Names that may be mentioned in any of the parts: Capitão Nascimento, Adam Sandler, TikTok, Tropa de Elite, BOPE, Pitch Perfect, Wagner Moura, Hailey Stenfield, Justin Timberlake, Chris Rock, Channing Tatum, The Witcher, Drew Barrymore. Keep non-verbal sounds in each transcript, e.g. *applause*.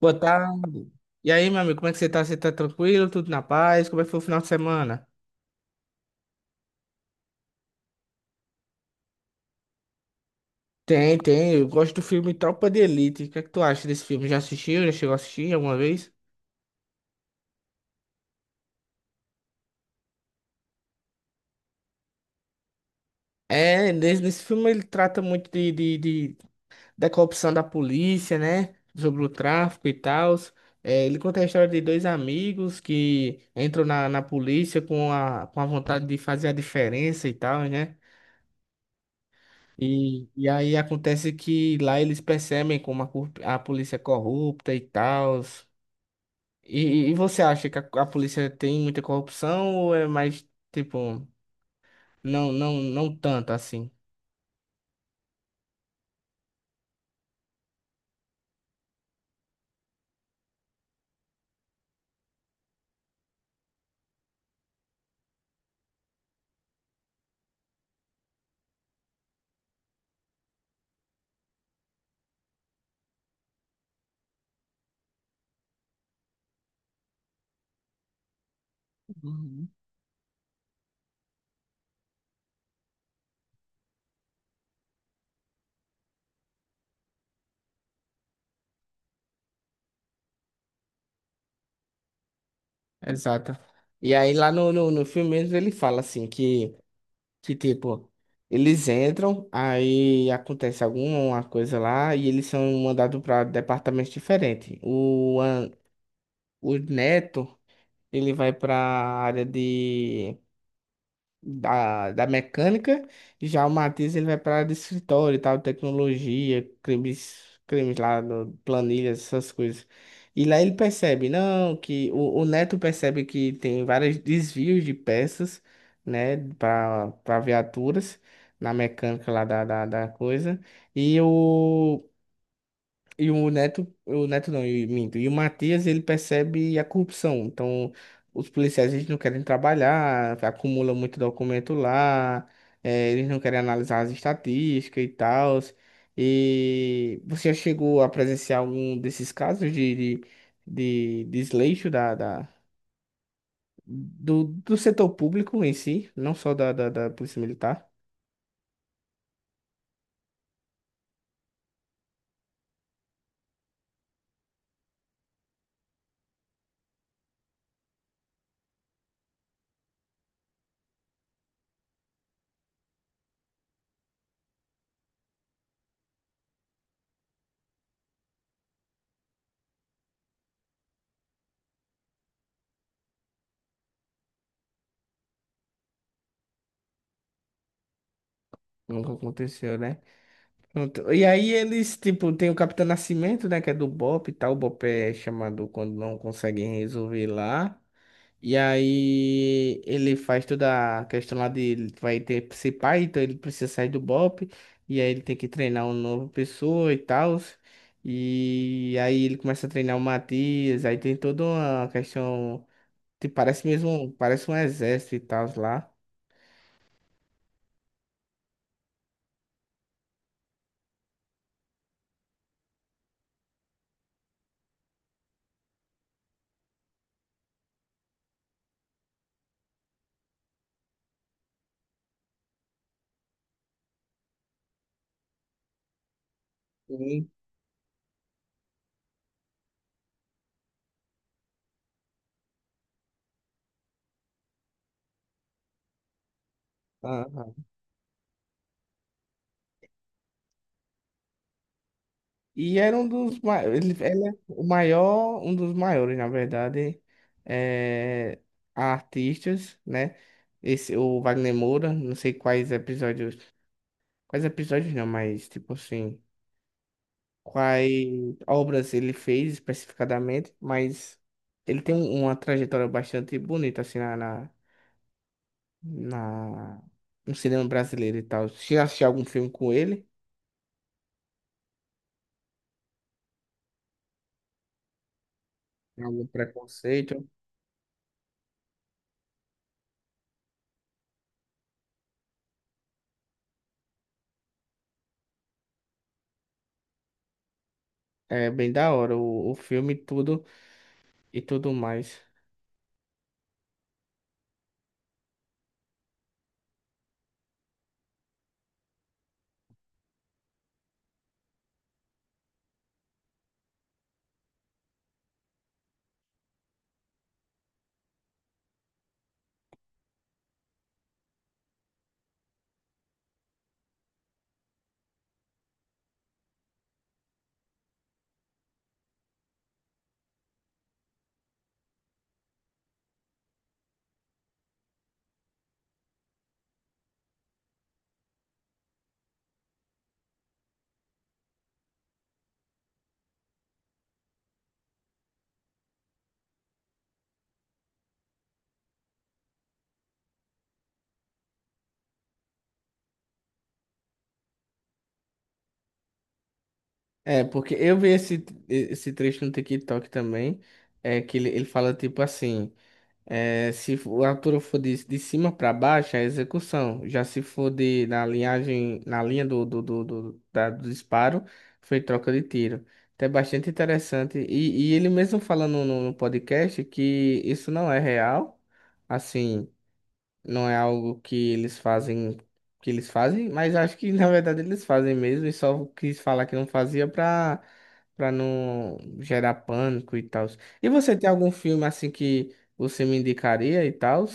Boa tarde. E aí, meu amigo, como é que você tá? Você tá tranquilo? Tudo na paz? Como é que foi o final de semana? Tem. Eu gosto do filme Tropa de Elite. O que é que tu acha desse filme? Já assistiu? Já chegou a assistir alguma vez? É, nesse filme ele trata muito da corrupção da polícia, né? Sobre o tráfico e tal. Ele conta a história de dois amigos que entram na polícia com a vontade de fazer a diferença e tal, né? E aí acontece que lá eles percebem como a polícia é corrupta e tal. E você acha que a polícia tem muita corrupção ou é mais, tipo, não tanto assim? Uhum. Exato. E aí lá no filme mesmo ele fala assim que tipo, eles entram, aí acontece alguma coisa lá e eles são mandados para departamentos diferentes. O Neto, ele vai para área da mecânica, já o Matias ele vai para área de escritório e tal, tecnologia, crimes, crimes lá, no- planilhas, essas coisas. E lá ele percebe, não, que o Neto percebe que tem vários desvios de peças, né, para viaturas na mecânica lá da coisa. E o e o Neto não, eu minto. E o Matias, ele percebe a corrupção. Então, os policiais, eles não querem trabalhar, acumulam muito documento lá, eles não querem analisar as estatísticas e tal. E você já chegou a presenciar algum desses casos de desleixo do setor público em si, não só da Polícia Militar? Nunca aconteceu, né? Pronto. E aí eles, tipo, tem o Capitão Nascimento, né, que é do BOPE e tal. O BOPE é chamado quando não conseguem resolver lá. E aí ele faz toda a questão lá de ele vai ter que ser pai, então ele precisa sair do BOPE. E aí ele tem que treinar uma nova pessoa e tal. E aí ele começa a treinar o Matias. Aí tem toda uma questão, tipo, parece mesmo, parece um exército e tal lá. Sim. E era um dos maiores, ele é o maior, um dos maiores, na verdade, é, artistas, né? Esse, o Wagner Moura, não sei quais episódios não, mas tipo assim, quais obras ele fez especificadamente, mas ele tem uma trajetória bastante bonita, assim, na- no cinema brasileiro e tal. Se assistir algum filme com ele, algum preconceito, é bem da hora, o filme e tudo. E tudo mais. É, porque eu vi esse trecho no TikTok também, é que ele fala tipo assim, é, se o altura for de cima para baixo, é execução. Já se for de, na linhagem, na linha do disparo, foi troca de tiro. Então é bastante interessante. E ele mesmo falando no podcast que isso não é real, assim... Não é algo que eles fazem, mas acho que *laughs* na verdade eles fazem mesmo e só quis falar que não fazia pra não gerar pânico e tal. E você tem algum filme assim que você me indicaria e tal?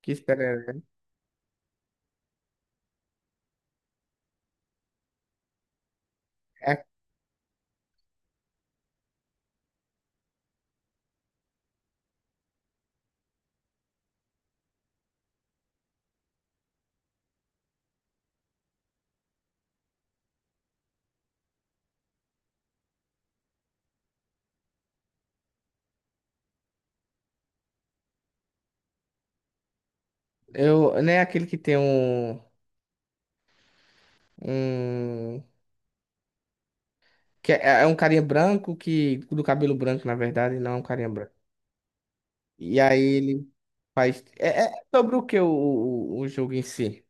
Que espera, é, eu, não é aquele que tem um que é, é um carinha branco que do cabelo branco, na verdade, não é um carinha branco. E aí ele faz é, é sobre o que o jogo em si?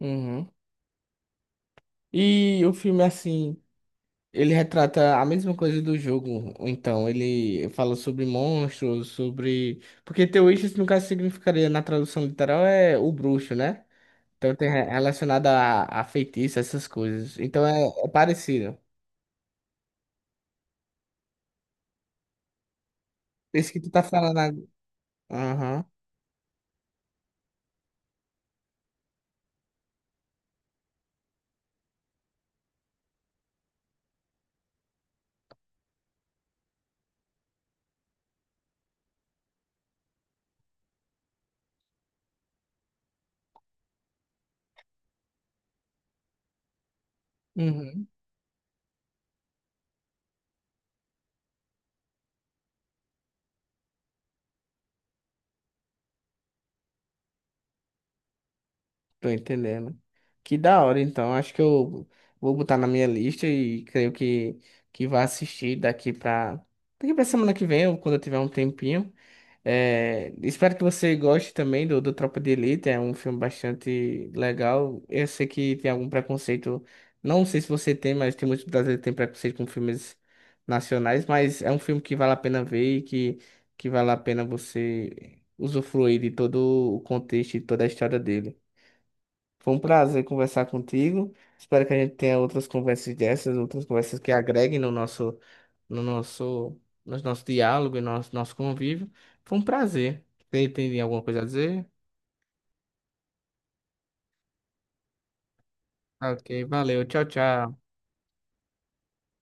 Uhum. E o filme, assim, ele retrata a mesma coisa do jogo. Então, ele fala sobre monstros, sobre. Porque The Witches, no caso, significaria, na tradução literal, é o bruxo, né? Então, relacionado a feitiço, essas coisas. Então, é, é parecido. Esse que tu tá falando agora. Aham. Uhum. Tô entendendo. Que da hora, então. Acho que eu vou botar na minha lista e creio que vai assistir daqui pra. Daqui pra semana que vem, ou quando eu tiver um tempinho. É, espero que você goste também do Tropa de Elite, é um filme bastante legal. Eu sei que tem algum preconceito, não sei se você tem, mas tem muitos brasileiros que têm preconceito com filmes nacionais, mas é um filme que vale a pena ver e que vale a pena você usufruir de todo o contexto e toda a história dele. Foi um prazer conversar contigo. Espero que a gente tenha outras conversas dessas, outras conversas que agreguem no nosso, no nosso diálogo e nosso convívio. Foi um prazer. Tem alguma coisa a dizer? Ok, valeu. Tchau, tchau.